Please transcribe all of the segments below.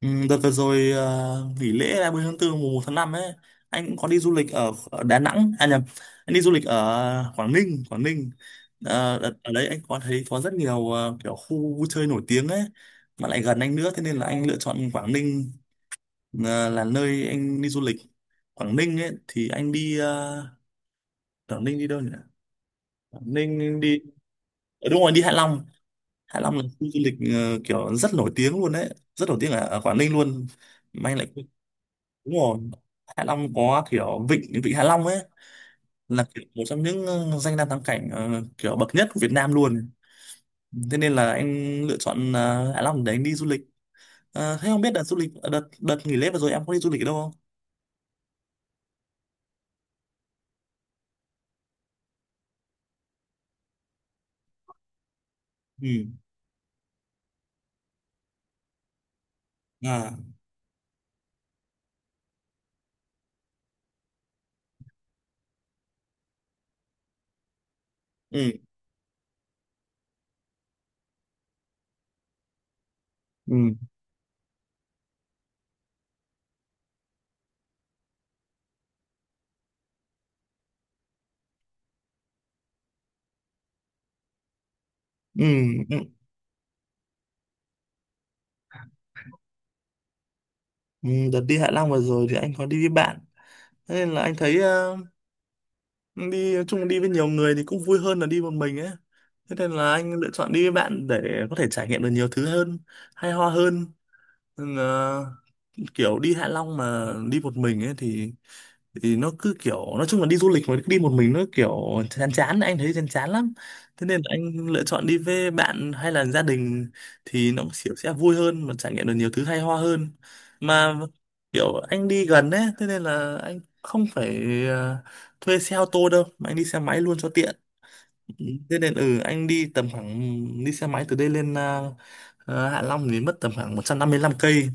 Ừ, đợt vừa rồi nghỉ lễ 30 tháng tư mùng một tháng 5 ấy, anh cũng có đi du lịch ở Đà Nẵng, à nhầm, anh đi du lịch ở Quảng Ninh, Quảng Ninh. Ở đấy anh có thấy có rất nhiều kiểu khu vui chơi nổi tiếng ấy mà lại gần anh nữa, thế nên là anh lựa chọn Quảng Ninh là nơi anh đi du lịch. Quảng Ninh ấy thì Quảng Ninh đi đâu nhỉ, Quảng Ninh đi ở đúng rồi, đi Hạ Long. Hạ Long là khu du lịch kiểu rất nổi tiếng luôn đấy, rất nổi tiếng ở Quảng Ninh luôn. Mà anh lại, đúng rồi, Hạ Long có kiểu vịnh vịnh Hạ Long ấy, là kiểu một trong những danh lam thắng cảnh kiểu bậc nhất của Việt Nam luôn. Thế nên là anh lựa chọn Hạ Long để anh đi du lịch. Ờ, thế không biết đợt du lịch, ờ, đợt đợt nghỉ lễ vừa rồi em có đi du lịch ở đâu không? Ừ, à, ừ, ừ, ừ, ừ. Ừ, đợt đi Hạ Long vừa rồi thì anh có đi với bạn, thế nên là anh thấy đi chung, đi với nhiều người thì cũng vui hơn là đi một mình ấy. Thế nên là anh lựa chọn đi với bạn để có thể trải nghiệm được nhiều thứ hơn, hay ho hơn. Ừ, kiểu đi Hạ Long mà đi một mình ấy thì, nó cứ kiểu, nói chung là đi du lịch mà đi một mình nó kiểu chán chán, anh thấy chán chán lắm. Thế nên là anh lựa chọn đi với bạn hay là gia đình thì nó kiểu sẽ vui hơn mà trải nghiệm được nhiều thứ hay ho hơn. Mà kiểu anh đi gần ấy, thế nên là anh không phải ờ, thuê xe ô tô đâu, mà anh đi xe máy luôn cho tiện. Ừ, thế nên ừ anh đi tầm khoảng, đi xe máy từ đây lên Hạ Long thì mất tầm khoảng 155 cây.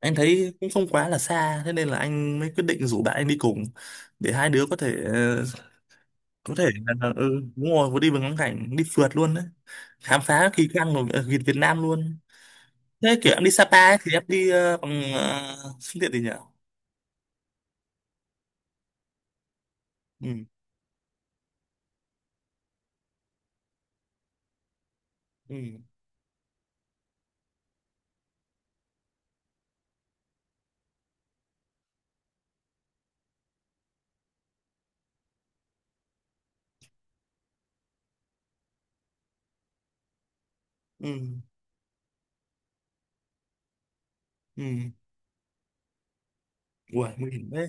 Anh thấy cũng không quá là xa, thế nên là anh mới quyết định rủ bạn anh đi cùng để hai đứa có thể có thể là ừ, đúng rồi, vừa đi vừa ngắm cảnh, đi phượt luôn đấy, khám phá kỳ quan của ờ, Việt Việt Nam luôn. Thế kiểu em đi Sapa ấy, thì em đi bằng phương tiện gì nhỉ? Ừ, ừ, ừ, ừ, ui nguy hiểm đấy.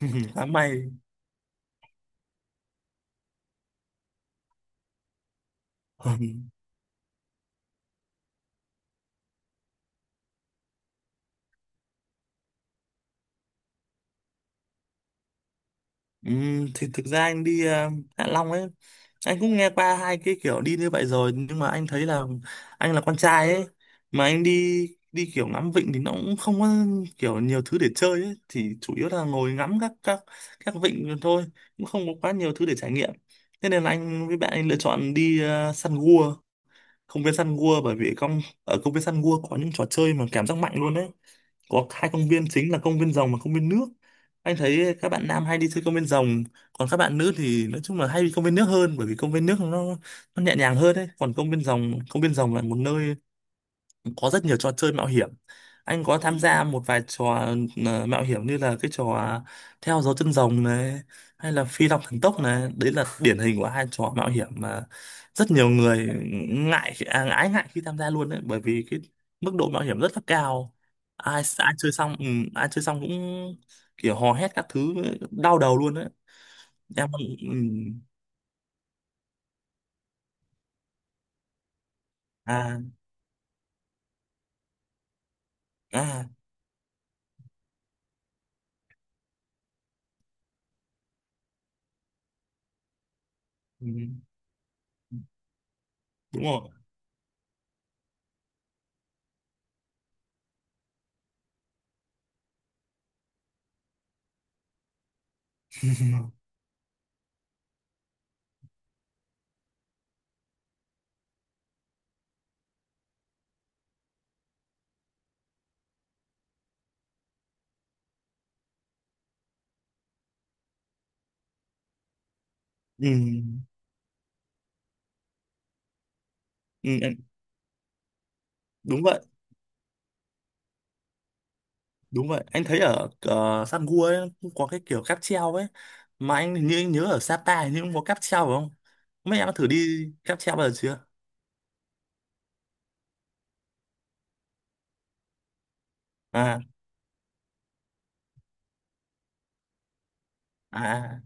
Quá may. Thì thực ra anh đi Hạ Long ấy, anh cũng nghe qua hai cái kiểu đi như vậy rồi, nhưng mà anh thấy là anh là con trai ấy, mà anh đi đi kiểu ngắm vịnh thì nó cũng không có kiểu nhiều thứ để chơi ấy, thì chủ yếu là ngồi ngắm các các vịnh thôi, cũng không có quá nhiều thứ để trải nghiệm. Thế nên là anh với bạn anh lựa chọn đi săn gua, công viên săn gua, bởi vì công viên săn gua có những trò chơi mà cảm giác mạnh luôn đấy. Có hai công viên chính là công viên rồng và công viên nước. Anh thấy các bạn nam hay đi chơi công viên rồng, còn các bạn nữ thì nói chung là hay đi công viên nước hơn, bởi vì công viên nước nó nhẹ nhàng hơn đấy. Còn công viên rồng là một nơi có rất nhiều trò chơi mạo hiểm. Anh có tham gia một vài trò mạo hiểm như là cái trò à, theo dấu chân rồng này, hay là phi long thần tốc này, đấy là điển hình của hai trò mạo hiểm mà rất nhiều người ái ngại khi tham gia luôn đấy, bởi vì cái mức độ mạo hiểm rất là cao. Ai ai chơi xong ừ, Ai chơi xong cũng kiểu hò hét các thứ, đau đầu luôn đấy. Em, ừ, à, à, ừ, đúng rồi. Ừ, ừ, đúng vậy. Đúng vậy, anh thấy ở San Gua ấy, cũng có cái kiểu cáp treo ấy. Mà anh hình như anh nhớ ở Sapa hình như cũng có cáp treo phải không? Mấy em đã thử đi cáp treo bao giờ chưa? À, à, à.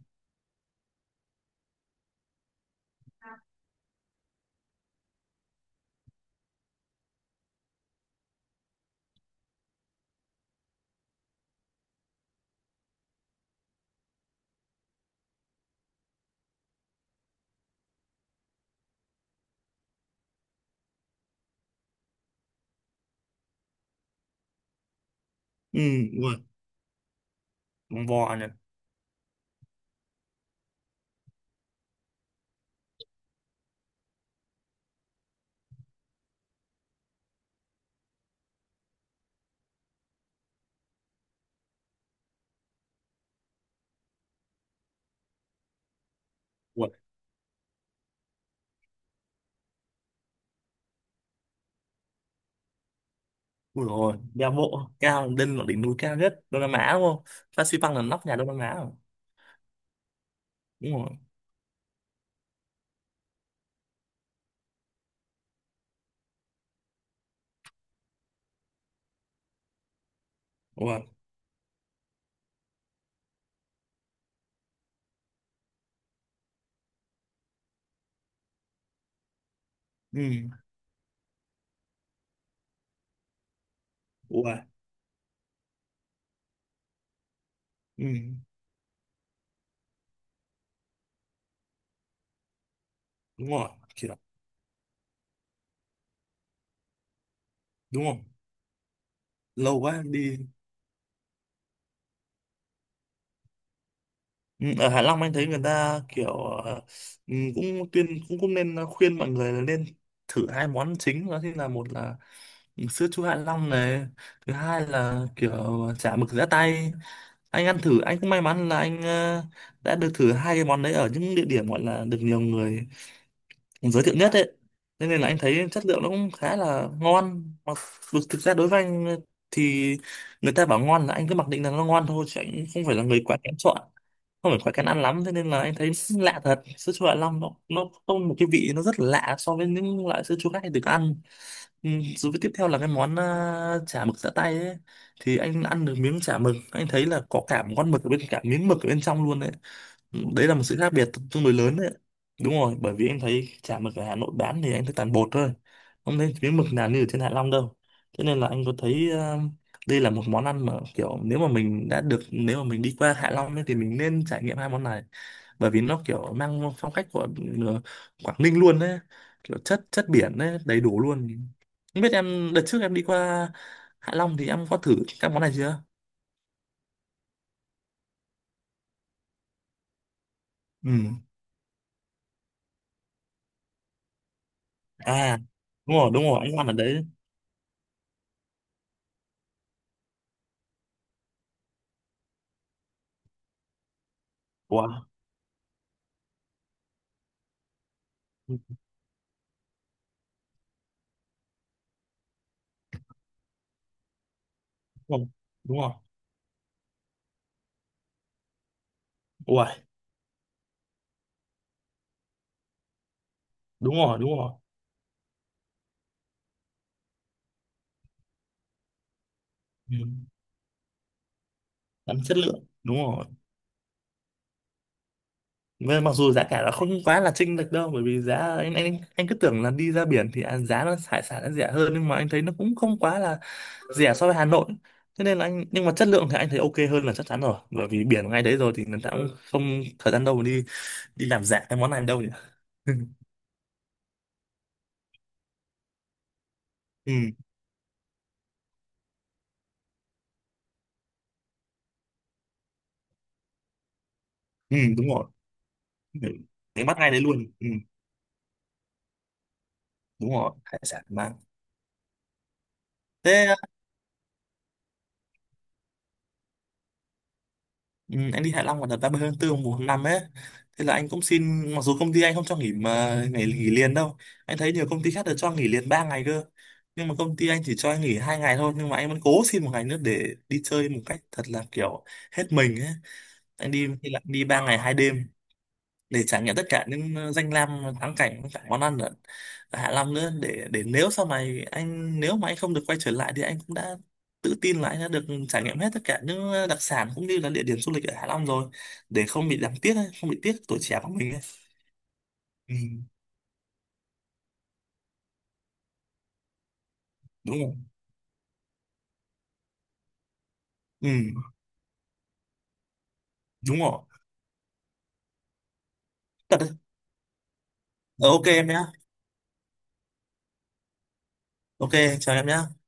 Ừ, ui, con bò nhỉ. Ui, ui rồi, đeo bộ cao, lên là đỉnh núi cao nhất Đông Nam Á đúng không? Phan Xipang là nóc nhà Đông Nam Á rồi. Đúng rồi, ui, ừ, ui, ừ, đúng rồi, kiểu, đúng không? Lâu quá đi. Ừ, ở Hạ Long anh thấy người ta kiểu ừ, cũng tuyên cũng cũng nên khuyên mọi người là nên thử hai món chính, đó chính là một là sữa chua Hạ Long này, thứ hai là kiểu chả mực giã tay. Anh ăn thử, anh cũng may mắn là anh đã được thử hai cái món đấy ở những địa điểm gọi là được nhiều người giới thiệu nhất ấy. Thế nên là anh thấy chất lượng nó cũng khá là ngon, mặc dù thực ra đối với anh thì, người ta bảo ngon là anh cứ mặc định là nó ngon thôi, chứ anh không phải là người quá kén chọn, không phải quá kén ăn lắm. Thế nên là anh thấy lạ thật, sữa chua Hạ Long nó có một cái vị nó rất là lạ so với những loại sữa chua khác anh được ăn. Rồi với tiếp theo là cái món chả mực giã tay ấy, thì anh ăn được miếng chả mực, anh thấy là có cả một con mực ở bên, cả miếng mực ở bên trong luôn đấy. Ừ, đấy là một sự khác biệt tương đối lớn đấy. Đúng rồi, bởi vì em thấy chả mực ở Hà Nội bán thì anh thấy toàn bột thôi, không thấy miếng mực nào như ở trên Hạ Long đâu. Thế nên là anh có thấy đây là một món ăn mà kiểu, nếu mà mình đã được, nếu mà mình đi qua Hạ Long ấy, thì mình nên trải nghiệm hai món này, bởi vì nó kiểu mang phong cách của ờ, Quảng Ninh luôn đấy, kiểu chất chất biển đấy đầy đủ luôn. Không biết em đợt trước em đi qua Hạ Long thì em có thử các món này chưa? Ừ, à, đúng rồi, đúng rồi anh ăn ở đấy. Wow. Đúng rồi, đúng rồi. Ui, đúng rồi, đúng rồi. Ừ. Gắn chất lượng, đúng rồi. Với, mặc dù giá cả nó không quá là chênh lệch đâu, bởi vì giá anh cứ tưởng là đi ra biển thì à, giá nó hải sản nó rẻ hơn, nhưng mà anh thấy nó cũng không quá là rẻ so với Hà Nội. Thế nên là anh, nhưng mà chất lượng thì anh thấy ok hơn là chắc chắn rồi, bởi vì biển ngay đấy rồi thì người ta cũng không thời gian đâu mà đi đi làm giả cái món này đâu nhỉ. Ừ, ừ, đúng rồi, để đánh bắt ngay đấy luôn. Ừ, đúng rồi, hải sản mang, thế. Ừ, anh đi Hạ Long vào đợt 30 tháng 4 mùng một tháng năm ấy, thế là anh cũng xin, mặc dù công ty anh không cho nghỉ mà ngày nghỉ liền đâu, anh thấy nhiều công ty khác được cho nghỉ liền 3 ngày cơ, nhưng mà công ty anh chỉ cho anh nghỉ 2 ngày thôi, nhưng mà anh vẫn cố xin một ngày nữa để đi chơi một cách thật là kiểu hết mình ấy. Anh đi thì lại đi 3 ngày 2 đêm để trải nghiệm tất cả những thắng cảnh, cả món ăn ở ở Hạ Long nữa. Để Nếu sau này anh, nếu mà anh không được quay trở lại thì anh cũng đã tự tin là anh đã được trải nghiệm hết tất cả những đặc sản cũng như là địa điểm du lịch ở Hạ Long rồi, để không bị đáng tiếc ấy, không bị tiếc tuổi trẻ của mình ấy. Ừ, đúng rồi, ừ, đúng rồi, thật đấy. Ờ, ok em nhé. Ok, chào em nhé.